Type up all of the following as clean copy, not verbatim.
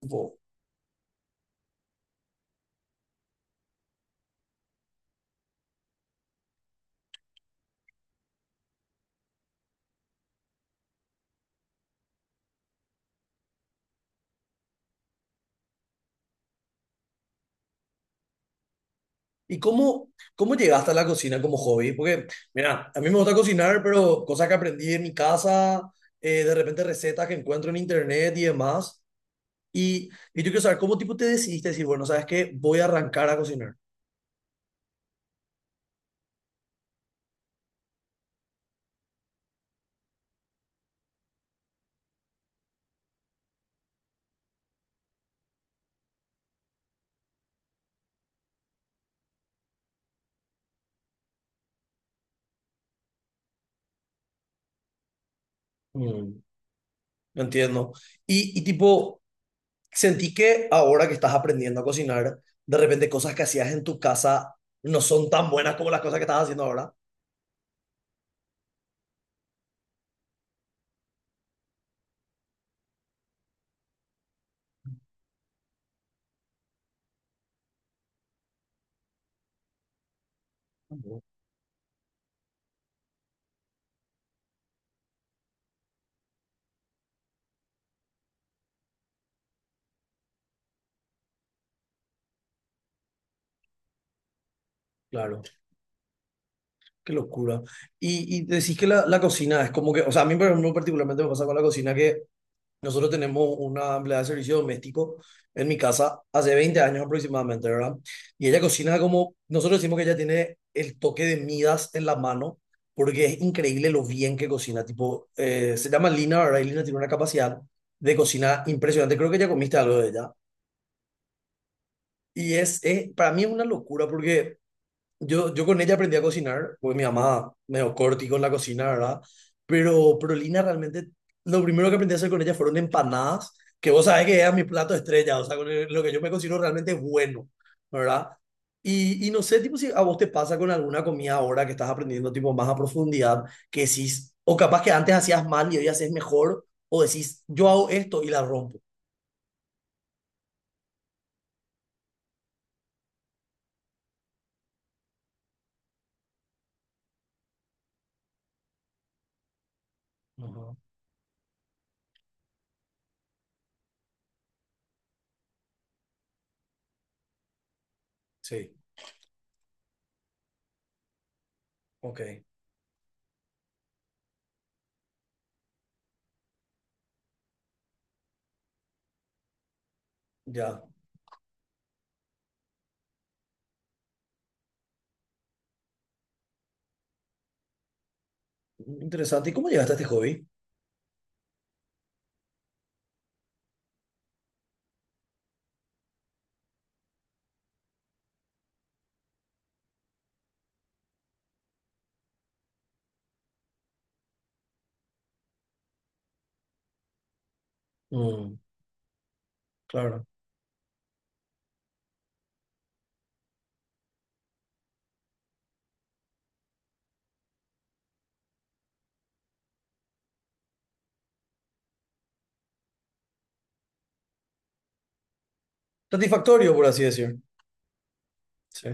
Tiempo. ¿Y cómo, cómo llegaste a la cocina como hobby? Porque, mira, a mí me gusta cocinar, pero cosas que aprendí en mi casa, de repente recetas que encuentro en internet y demás. Y yo quiero saber, ¿cómo tipo te decidiste decir, bueno, sabes qué, voy a arrancar a cocinar? Mm, no entiendo. Y tipo, sentí que ahora que estás aprendiendo a cocinar, de repente cosas que hacías en tu casa no son tan buenas como las cosas que estás haciendo ahora. Ujú. Claro. Qué locura. Y decís que la cocina es como que, o sea, a mí por ejemplo, particularmente me pasa con la cocina que nosotros tenemos una empleada de servicio doméstico en mi casa hace 20 años aproximadamente, ¿verdad? Y ella cocina como, nosotros decimos que ella tiene el toque de Midas en la mano porque es increíble lo bien que cocina. Tipo, se llama Lina, ¿verdad? Y Lina tiene una capacidad de cocina impresionante. Creo que ya comiste algo de ella. Y es para mí es una locura porque yo con ella aprendí a cocinar, pues mi mamá medio corti con la cocina, ¿verdad? Pero Lina realmente, lo primero que aprendí a hacer con ella fueron empanadas, que vos sabés que era mi plato estrella, o sea, con el- lo que yo me considero realmente bueno, ¿verdad? Y no sé, tipo, si a vos te pasa con alguna comida ahora que estás aprendiendo, tipo, más a profundidad, que decís, o capaz que antes hacías mal y hoy haces mejor, o decís, yo hago esto y la rompo. Ajá. Sí, ok, ya. Interesante. ¿Y cómo llegaste a este hobby? Mm, claro. Satisfactorio, por así decir. Sí.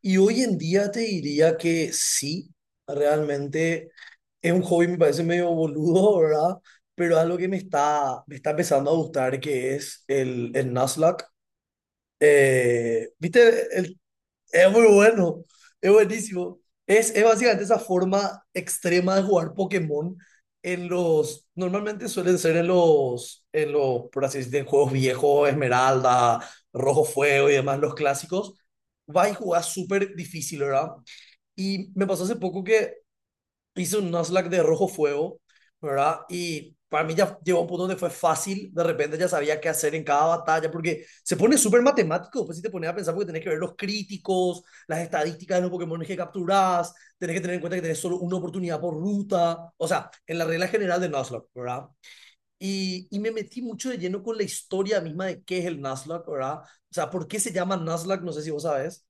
Y hoy en día te diría que sí, realmente es un hobby, me parece medio boludo, ¿verdad? Pero algo que me está empezando a gustar, que es el Nuzlocke. ¿Viste el? Es muy bueno, es buenísimo. Es básicamente esa forma extrema de jugar Pokémon en los, normalmente suelen ser en los, por así decirlo, en juegos viejos, Esmeralda, Rojo Fuego y demás, los clásicos. Va y jugar súper difícil, ¿verdad? Y me pasó hace poco que hice un Nuzlocke de rojo fuego, ¿verdad? Y para mí ya llegó a un punto donde fue fácil, de repente ya sabía qué hacer en cada batalla, porque se pone súper matemático, pues si te pones a pensar, porque tenés que ver los críticos, las estadísticas de los Pokémon que capturás, tenés que tener en cuenta que tenés solo una oportunidad por ruta, o sea, en la regla general de Nuzlocke, ¿verdad? Me metí mucho de lleno con la historia misma de qué es el Nuzlocke, ¿verdad? O sea, ¿por qué se llama Nuzlocke? No sé si vos sabes.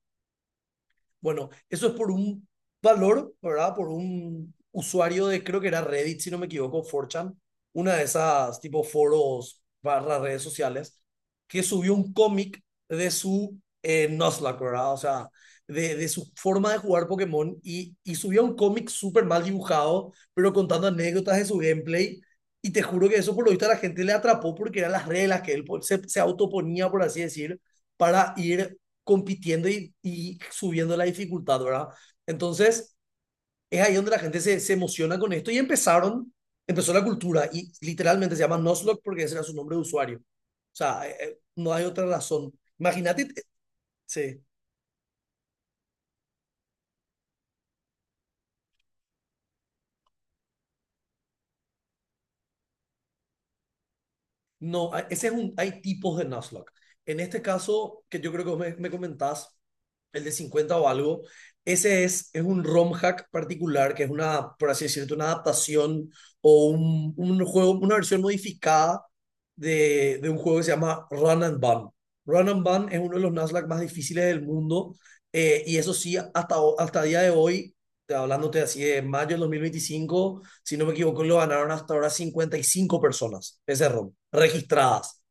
Bueno, eso es por un valor, ¿verdad? Por un usuario de, creo que era Reddit, si no me equivoco, 4chan, una de esas tipo foros barra redes sociales, que subió un cómic de su Nuzlocke, ¿verdad? O sea, de su forma de jugar Pokémon y subió un cómic súper mal dibujado, pero contando anécdotas de su gameplay. Y te juro que eso por lo visto a la gente le atrapó porque eran las reglas que él pues, se autoponía, por así decir, para ir compitiendo y subiendo la dificultad, ¿verdad? Entonces, es ahí donde la gente se, se emociona con esto y empezaron, empezó la cultura y literalmente se llama Nuzlocke porque ese era su nombre de usuario. O sea, no hay otra razón. Imagínate, sí. No, hay- ese es un, hay tipos de Nuzlocke. En este caso, que yo creo que me comentás, el de 50 o algo, ese es un ROM hack particular, que es una, por así decirlo, una adaptación o un juego, una versión modificada de un juego que se llama Run and Gun. Run and Gun es uno de los Nuzlocke más difíciles del mundo, y eso sí, hasta, ho- hasta el día de hoy, te- hablándote así de mayo del 2025 si no me equivoco, lo ganaron hasta ahora 55 personas ese round, registradas.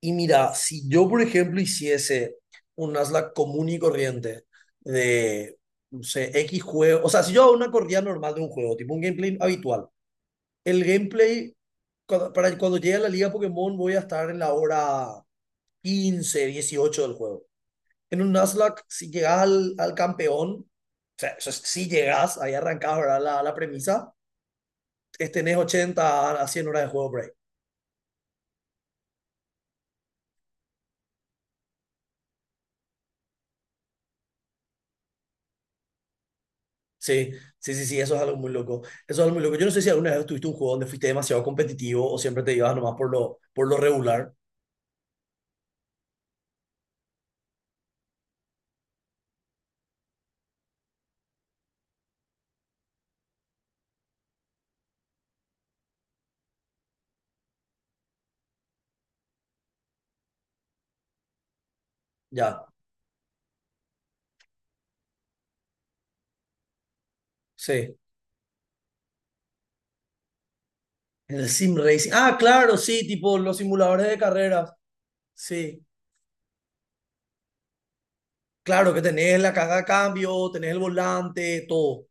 Y mira, si yo, por ejemplo, hiciese un Nasdaq común y corriente de, no sé, X juego, o sea, si yo hago una corrida normal de un juego, tipo un gameplay habitual, el gameplay, cuando, para cuando llegue a la liga Pokémon voy a estar en la hora 15, 18 del juego. En un Nasdaq, si llegas al, al campeón, o sea, eso es, si llegas, ahí arrancás, ¿verdad? La premisa, es tenés 80 a 100 horas de juego por ahí. Sí, sí, sí, sí, eso es algo muy loco. Eso es algo muy loco. Yo no sé si alguna vez tuviste un juego donde fuiste demasiado competitivo o siempre te ibas nomás por lo regular. Ya, sí. En el sim racing. Ah, claro, sí, tipo los simuladores de carreras. Sí, claro que tenés la caja de cambio, tenés el volante, todo.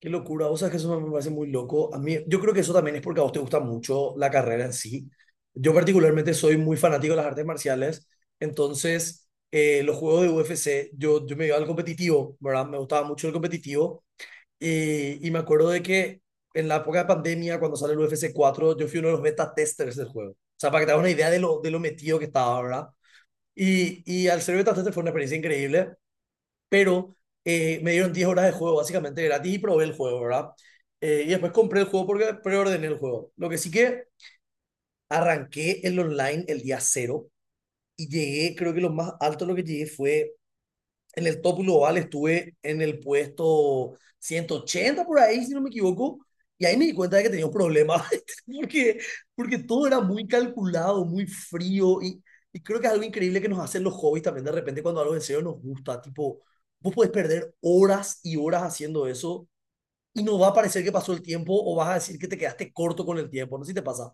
Qué locura, o sea que eso me parece muy loco. A mí, yo creo que eso también es porque a vos te gusta mucho la carrera en sí. Yo particularmente soy muy fanático de las artes marciales, entonces los juegos de UFC, yo me iba al competitivo, ¿verdad? Me gustaba mucho el competitivo y me acuerdo de que en la época de pandemia, cuando sale el UFC 4, yo fui uno de los beta testers del juego. O sea, para que te hagas una idea de lo metido que estaba, ¿verdad? Y al ser beta tester fue una experiencia increíble pero me dieron 10 horas de juego básicamente gratis y probé el juego, ¿verdad? Y después compré el juego porque preordené el juego. Lo que sí que arranqué el online el día cero y llegué, creo que lo más alto lo que llegué fue en el top global estuve en el puesto 180 por ahí, si no me equivoco, y ahí me di cuenta de que tenía un problema, porque, porque todo era muy calculado, muy frío, y creo que es algo increíble que nos hacen los hobbies también de repente cuando algo en serio nos gusta, tipo, vos podés perder horas y horas haciendo eso y no va a parecer que pasó el tiempo o vas a decir que te quedaste corto con el tiempo, no sé si te pasa.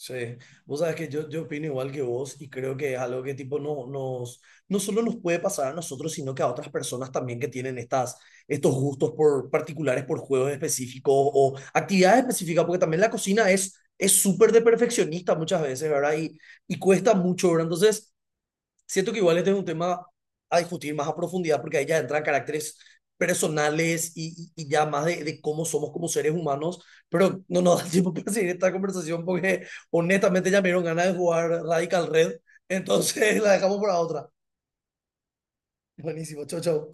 Sí, vos sabes que yo opino igual que vos y creo que es algo que tipo no, nos, no solo nos puede pasar a nosotros, sino que a otras personas también que tienen estas, estos gustos por, particulares por juegos específicos o actividades específicas, porque también la cocina es súper de perfeccionista muchas veces, ¿verdad? Y cuesta mucho, ¿verdad? Entonces, siento que igual este es un tema a discutir más a profundidad porque ahí ya entran caracteres personales y ya más de cómo somos como seres humanos, pero no nos da tiempo para seguir esta conversación porque honestamente ya me dieron ganas de jugar Radical Red, entonces la dejamos para otra. Buenísimo, chau, chau.